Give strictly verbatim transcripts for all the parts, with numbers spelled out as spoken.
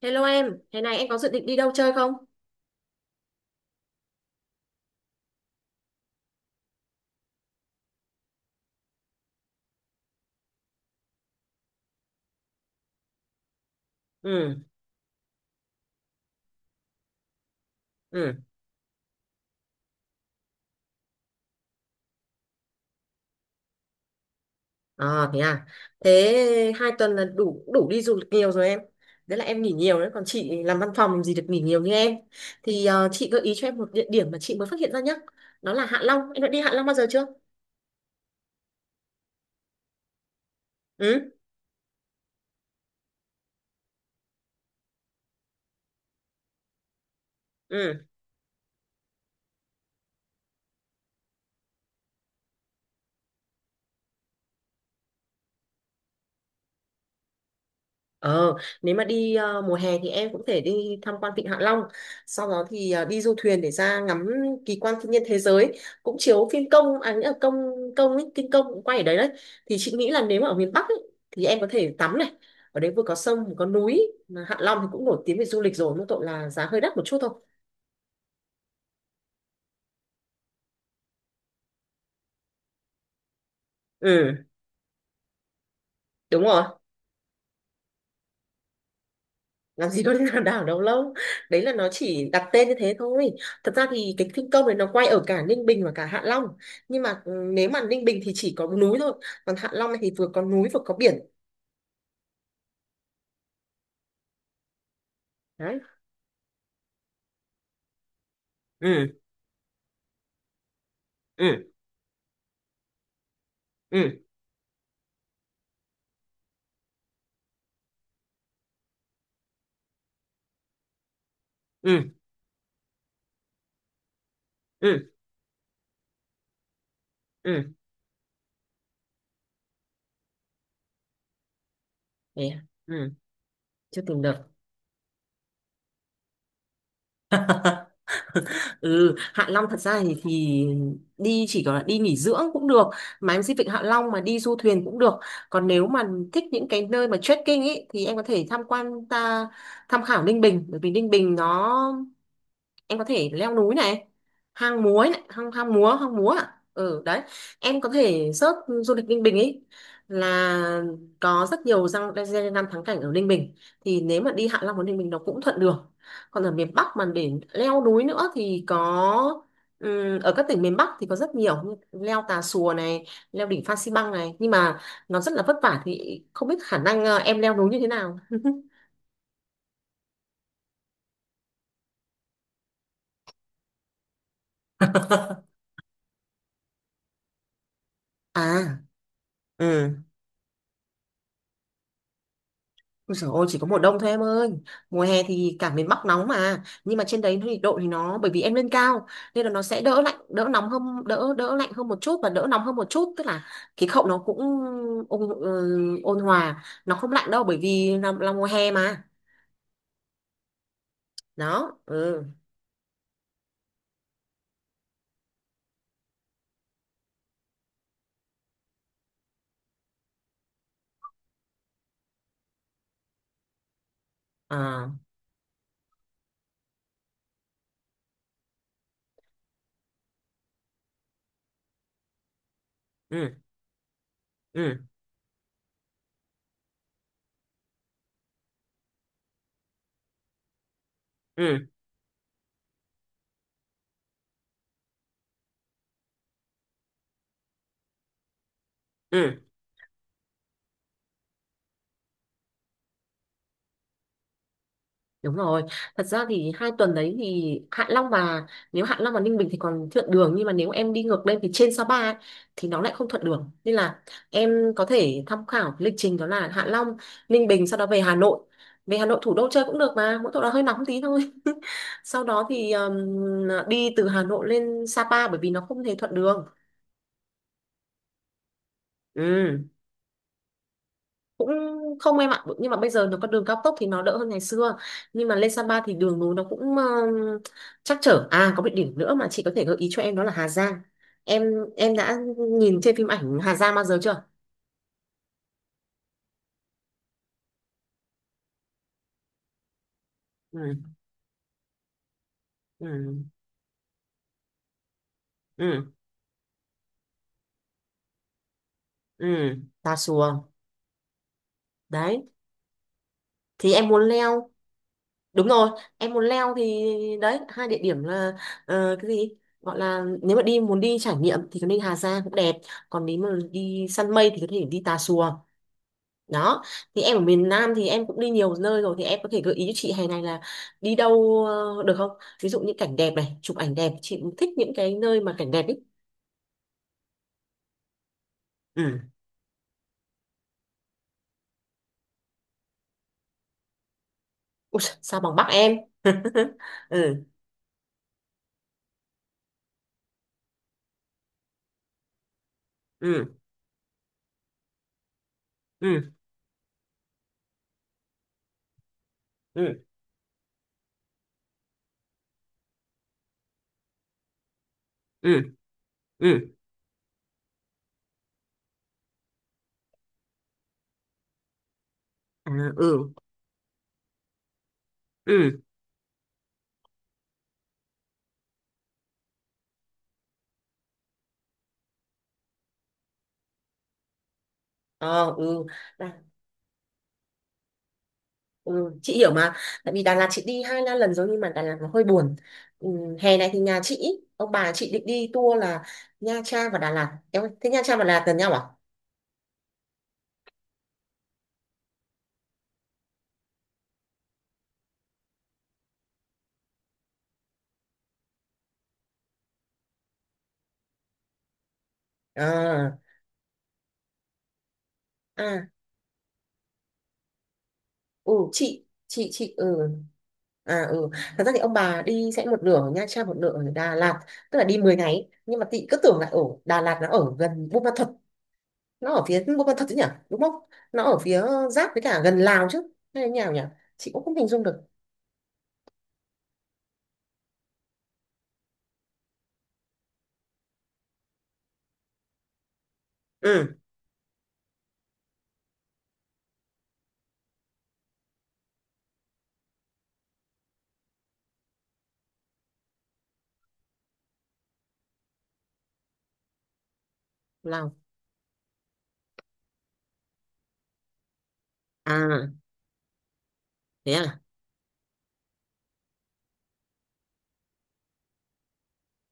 Hello em, thế này em có dự định đi đâu chơi không? Ừ, ừ, à, thế à. Thế hai tuần là đủ đủ đi du lịch nhiều rồi em. Đấy là em nghỉ nhiều đấy, còn chị làm văn phòng làm gì được nghỉ nhiều như em. Thì ờ, chị gợi ý cho em một địa điểm mà chị mới phát hiện ra nhá. Đó là Hạ Long, em đã đi Hạ Long bao giờ chưa? Ừ, ừ. Ờ, nếu mà đi ờ, mùa hè thì em cũng thể đi tham quan Vịnh Hạ Long, sau đó thì ờ, đi du thuyền để ra ngắm kỳ quan thiên nhiên thế giới, cũng chiếu phim công, à, nghĩa là công công ấy, kinh công cũng quay ở đấy đấy. Thì chị nghĩ là nếu mà ở miền Bắc ấy, thì em có thể tắm này, ở đấy vừa có sông vừa có núi, mà Hạ Long thì cũng nổi tiếng về du lịch rồi, mỗi tội là giá hơi đắt một chút thôi. Ừ, đúng rồi. Làm gì có liên hoàn đảo đâu lâu, đấy là nó chỉ đặt tên như thế thôi. Thật ra thì cái phim công đấy nó quay ở cả Ninh Bình và cả Hạ Long, nhưng mà ừ, nếu mà Ninh Bình thì chỉ có núi thôi, còn Hạ Long thì vừa có núi vừa có biển. Đấy. Ừ. Ừ. Ừ. Ừ. Ừ. Ừ. Ừ. Thế à? Ừ, chưa từng được. Ừ, Hạ Long thật ra thì, thì đi chỉ có là đi nghỉ dưỡng cũng được, mà em xin Vịnh Hạ Long mà đi du thuyền cũng được. Còn nếu mà thích những cái nơi mà trekking ấy thì em có thể tham quan ta tham khảo Ninh Bình, bởi vì Ninh Bình nó, em có thể leo núi này, hang múa ấy này, hang hang múa, hang múa, à, ừ, đấy. Em có thể search du lịch Ninh Bình ấy, là có rất nhiều răng danh lam thắng cảnh ở Ninh Bình. Thì nếu mà đi Hạ Long và Ninh Bình nó cũng thuận đường. Còn ở miền Bắc mà để leo núi nữa thì có, ừm, ở các tỉnh miền Bắc thì có rất nhiều, như leo Tà Xùa này, leo đỉnh Phan Xi Păng này, nhưng mà nó rất là vất vả, thì không biết khả năng ờ, em leo núi như thế nào. À, ừ, ôi dồi ôi, chỉ có mùa đông thôi em ơi. Mùa hè thì cả miền Bắc nóng mà. Nhưng mà trên đấy nhiệt độ thì nó, bởi vì em lên cao nên là nó sẽ đỡ lạnh, đỡ nóng hơn, Đỡ đỡ lạnh hơn một chút và đỡ nóng hơn một chút. Tức là khí hậu nó cũng ôn, ừ, ôn hòa Nó không lạnh đâu, bởi vì là, là mùa hè mà. Đó, ừ. À, ừ. Ừ. Ừ. Ừ. Đúng rồi, thật ra thì hai tuần đấy thì Hạ Long và, nếu Hạ Long và Ninh Bình thì còn thuận đường, nhưng mà nếu em đi ngược lên thì trên Sapa ấy, thì nó lại không thuận đường, nên là em có thể tham khảo cái lịch trình đó là Hạ Long, Ninh Bình, sau đó về Hà Nội. Về Hà Nội thủ đô chơi cũng được, mà mỗi chỗ đó hơi nóng tí thôi. Sau đó thì um, đi từ Hà Nội lên Sa Pa, bởi vì nó không hề thuận đường. Ừ, cũng không em ạ, nhưng mà bây giờ nó có đường cao tốc thì nó đỡ hơn ngày xưa, nhưng mà lên Sapa thì đường núi nó cũng um, trắc trở. À, có một điểm nữa mà chị có thể gợi ý cho em đó là Hà Giang. em em đã nhìn trên phim ảnh Hà Giang bao giờ chưa? Ừ. Ừ. Ừ. Ừ. Tà Xùa đấy, thì em muốn leo, đúng rồi, em muốn leo thì đấy, hai địa điểm là, ờ, cái gì gọi là, nếu mà đi muốn đi trải nghiệm thì có nên, Hà Giang cũng đẹp, còn nếu mà đi săn mây thì có thể đi Tà Xùa. Đó, thì em ở miền Nam thì em cũng đi nhiều nơi rồi, thì em có thể gợi ý cho chị hè này là đi đâu ờ, được không, ví dụ như cảnh đẹp này, chụp ảnh đẹp, chị cũng thích những cái nơi mà cảnh đẹp ý. Ừ. Ui, sao bằng Bắc em. Ừ. Ừ. Ừ. Ừ. Ừ. Ừ. À, ừ. Ừ. Ờ, ừ. À, ừ chị hiểu mà. Tại vì Đà Lạt chị đi hai ba lần rồi nhưng mà Đà Lạt nó hơi buồn. Ừ, hè này thì nhà chị ý, ông bà chị định đi tour là Nha Trang và Đà Lạt em ơi. Thế Nha Trang và Đà Lạt gần nhau à? À. À. Ừ chị chị chị ừ. À, ừ, thật ra thì ông bà đi sẽ một nửa ở Nha Trang, một nửa ở Đà Lạt, tức là đi mười ngày, nhưng mà chị cứ tưởng là ở Đà Lạt nó ở gần Buôn Ma Thuột. Nó ở phía Buôn Ma Thuột chứ nhỉ, đúng không? Nó ở phía giáp với cả gần Lào chứ? Hay là như nào nhỉ? Chị cũng không hình dung được. Ừ. Lào. À, thế à.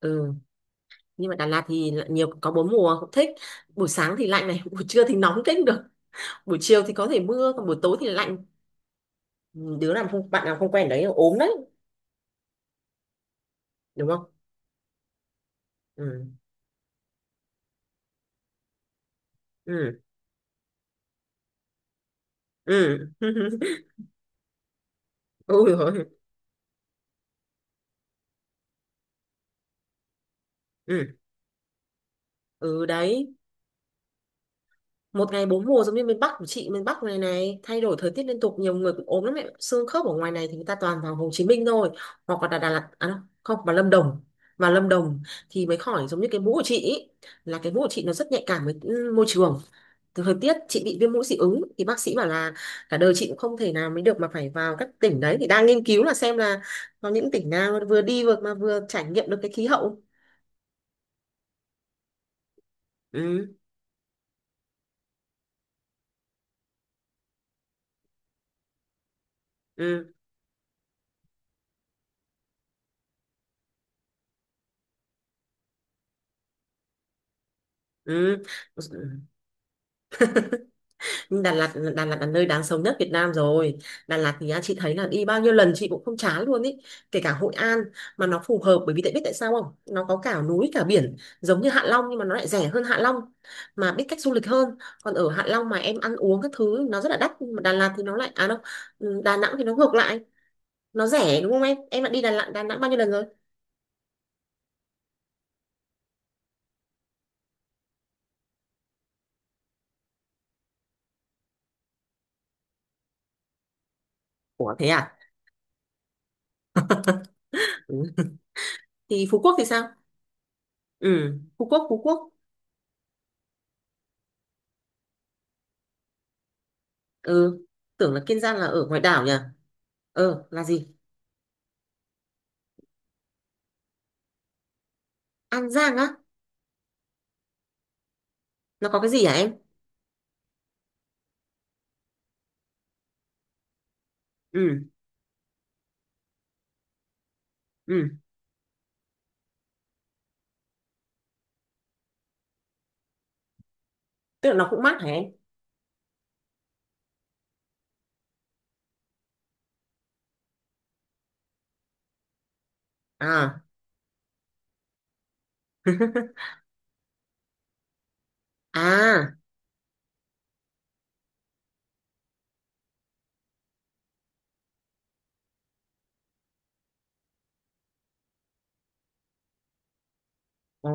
Ừ, nhưng mà Đà Lạt thì lại nhiều, có bốn mùa cũng thích. Buổi sáng thì lạnh này, buổi trưa thì nóng kinh được, buổi chiều thì có thể mưa, còn buổi tối thì lạnh. Ừ, đứa nào không, bạn nào không quen đấy là ốm đấy, đúng không? Ừ. Ừ. Ừ. Ừ, rồi. Ừ. Ừ, đấy, một ngày bốn mùa giống như miền Bắc của chị, miền Bắc này này thay đổi thời tiết liên tục, nhiều người cũng ốm lắm, mẹ xương khớp ở ngoài này thì người ta toàn vào Hồ Chí Minh thôi, hoặc là Đà, Đà Lạt à, không không, vào Lâm Đồng vào Lâm Đồng thì mới khỏi, giống như cái mũ của chị ý, là cái mũ của chị nó rất nhạy cảm với ừ, môi trường, từ thời tiết. Chị bị viêm mũi dị ứng thì bác sĩ bảo là cả đời chị cũng không thể nào mới được mà phải vào các tỉnh đấy, thì đang nghiên cứu là xem là có những tỉnh nào vừa đi vừa mà vừa trải nghiệm được cái khí hậu. Ừ. Ừ. Ừ. Nhưng Đà Lạt Đà Lạt là nơi đáng sống nhất Việt Nam rồi. Đà Lạt thì á, chị thấy là đi bao nhiêu lần chị cũng không chán luôn ý, kể cả Hội An. Mà nó phù hợp bởi vì tại biết tại sao không, nó có cả núi cả biển giống như Hạ Long nhưng mà nó lại rẻ hơn Hạ Long, mà biết cách du lịch hơn. Còn ở Hạ Long mà em ăn uống các thứ nó rất là đắt, nhưng mà Đà Lạt thì nó lại, à đâu, ừ, Đà Nẵng thì nó ngược lại, nó rẻ đúng không em em đã đi Đà Lạt Đà Nẵng bao nhiêu lần rồi? Ủa, thế à. Ừ. Thì Phú Quốc thì sao? Ừ. Phú Quốc Phú Quốc. Ừ, tưởng là Kiên Giang là ở ngoài đảo nhỉ. Ờ, là gì? An Giang á? Nó có cái gì hả em? Ừ. Ừ. Tức là nó cũng mát hả em? À. À. Ồ,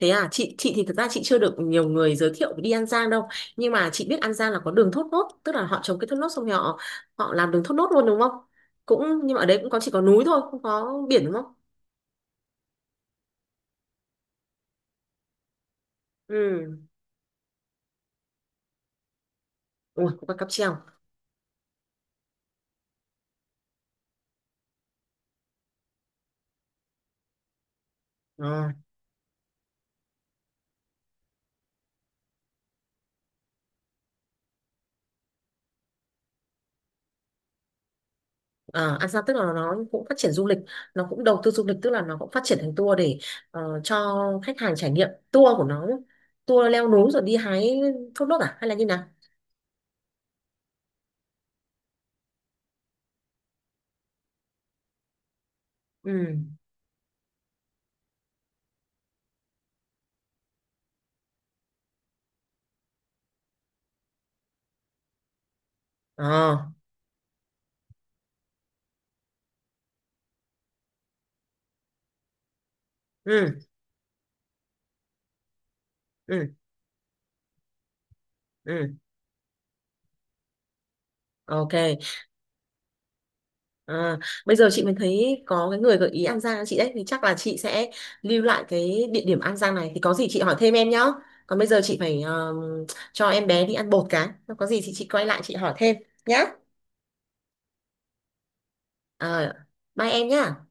thế à, chị chị thì thực ra chị chưa được nhiều người giới thiệu đi An Giang đâu, nhưng mà chị biết An Giang là có đường thốt nốt, tức là họ trồng cái thốt nốt xong rồi họ, họ làm đường thốt nốt luôn đúng không? Cũng, nhưng mà ở đấy cũng có, chỉ có núi thôi, không có biển đúng không? Ừ. Ui, có cáp treo. Ờ. À, Ansa tức là nó cũng phát triển du lịch, nó cũng đầu tư du lịch, tức là nó cũng phát triển thành tour để ờ, cho khách hàng trải nghiệm tour của nó, tour leo núi rồi đi hái thốt nốt, à, hay là như nào? Ừ. Ờ. Ừ. Ừ. Ừ. Ok. Ờ, bây giờ chị mới thấy có cái người gợi ý An Giang chị đấy, thì chắc là chị sẽ lưu lại cái địa điểm An Giang này, thì có gì chị hỏi thêm em nhá. Còn bây giờ chị phải ờ, cho em bé đi ăn bột cái. Có gì thì chị quay lại chị hỏi thêm nhá. Ờ, bye em nhá.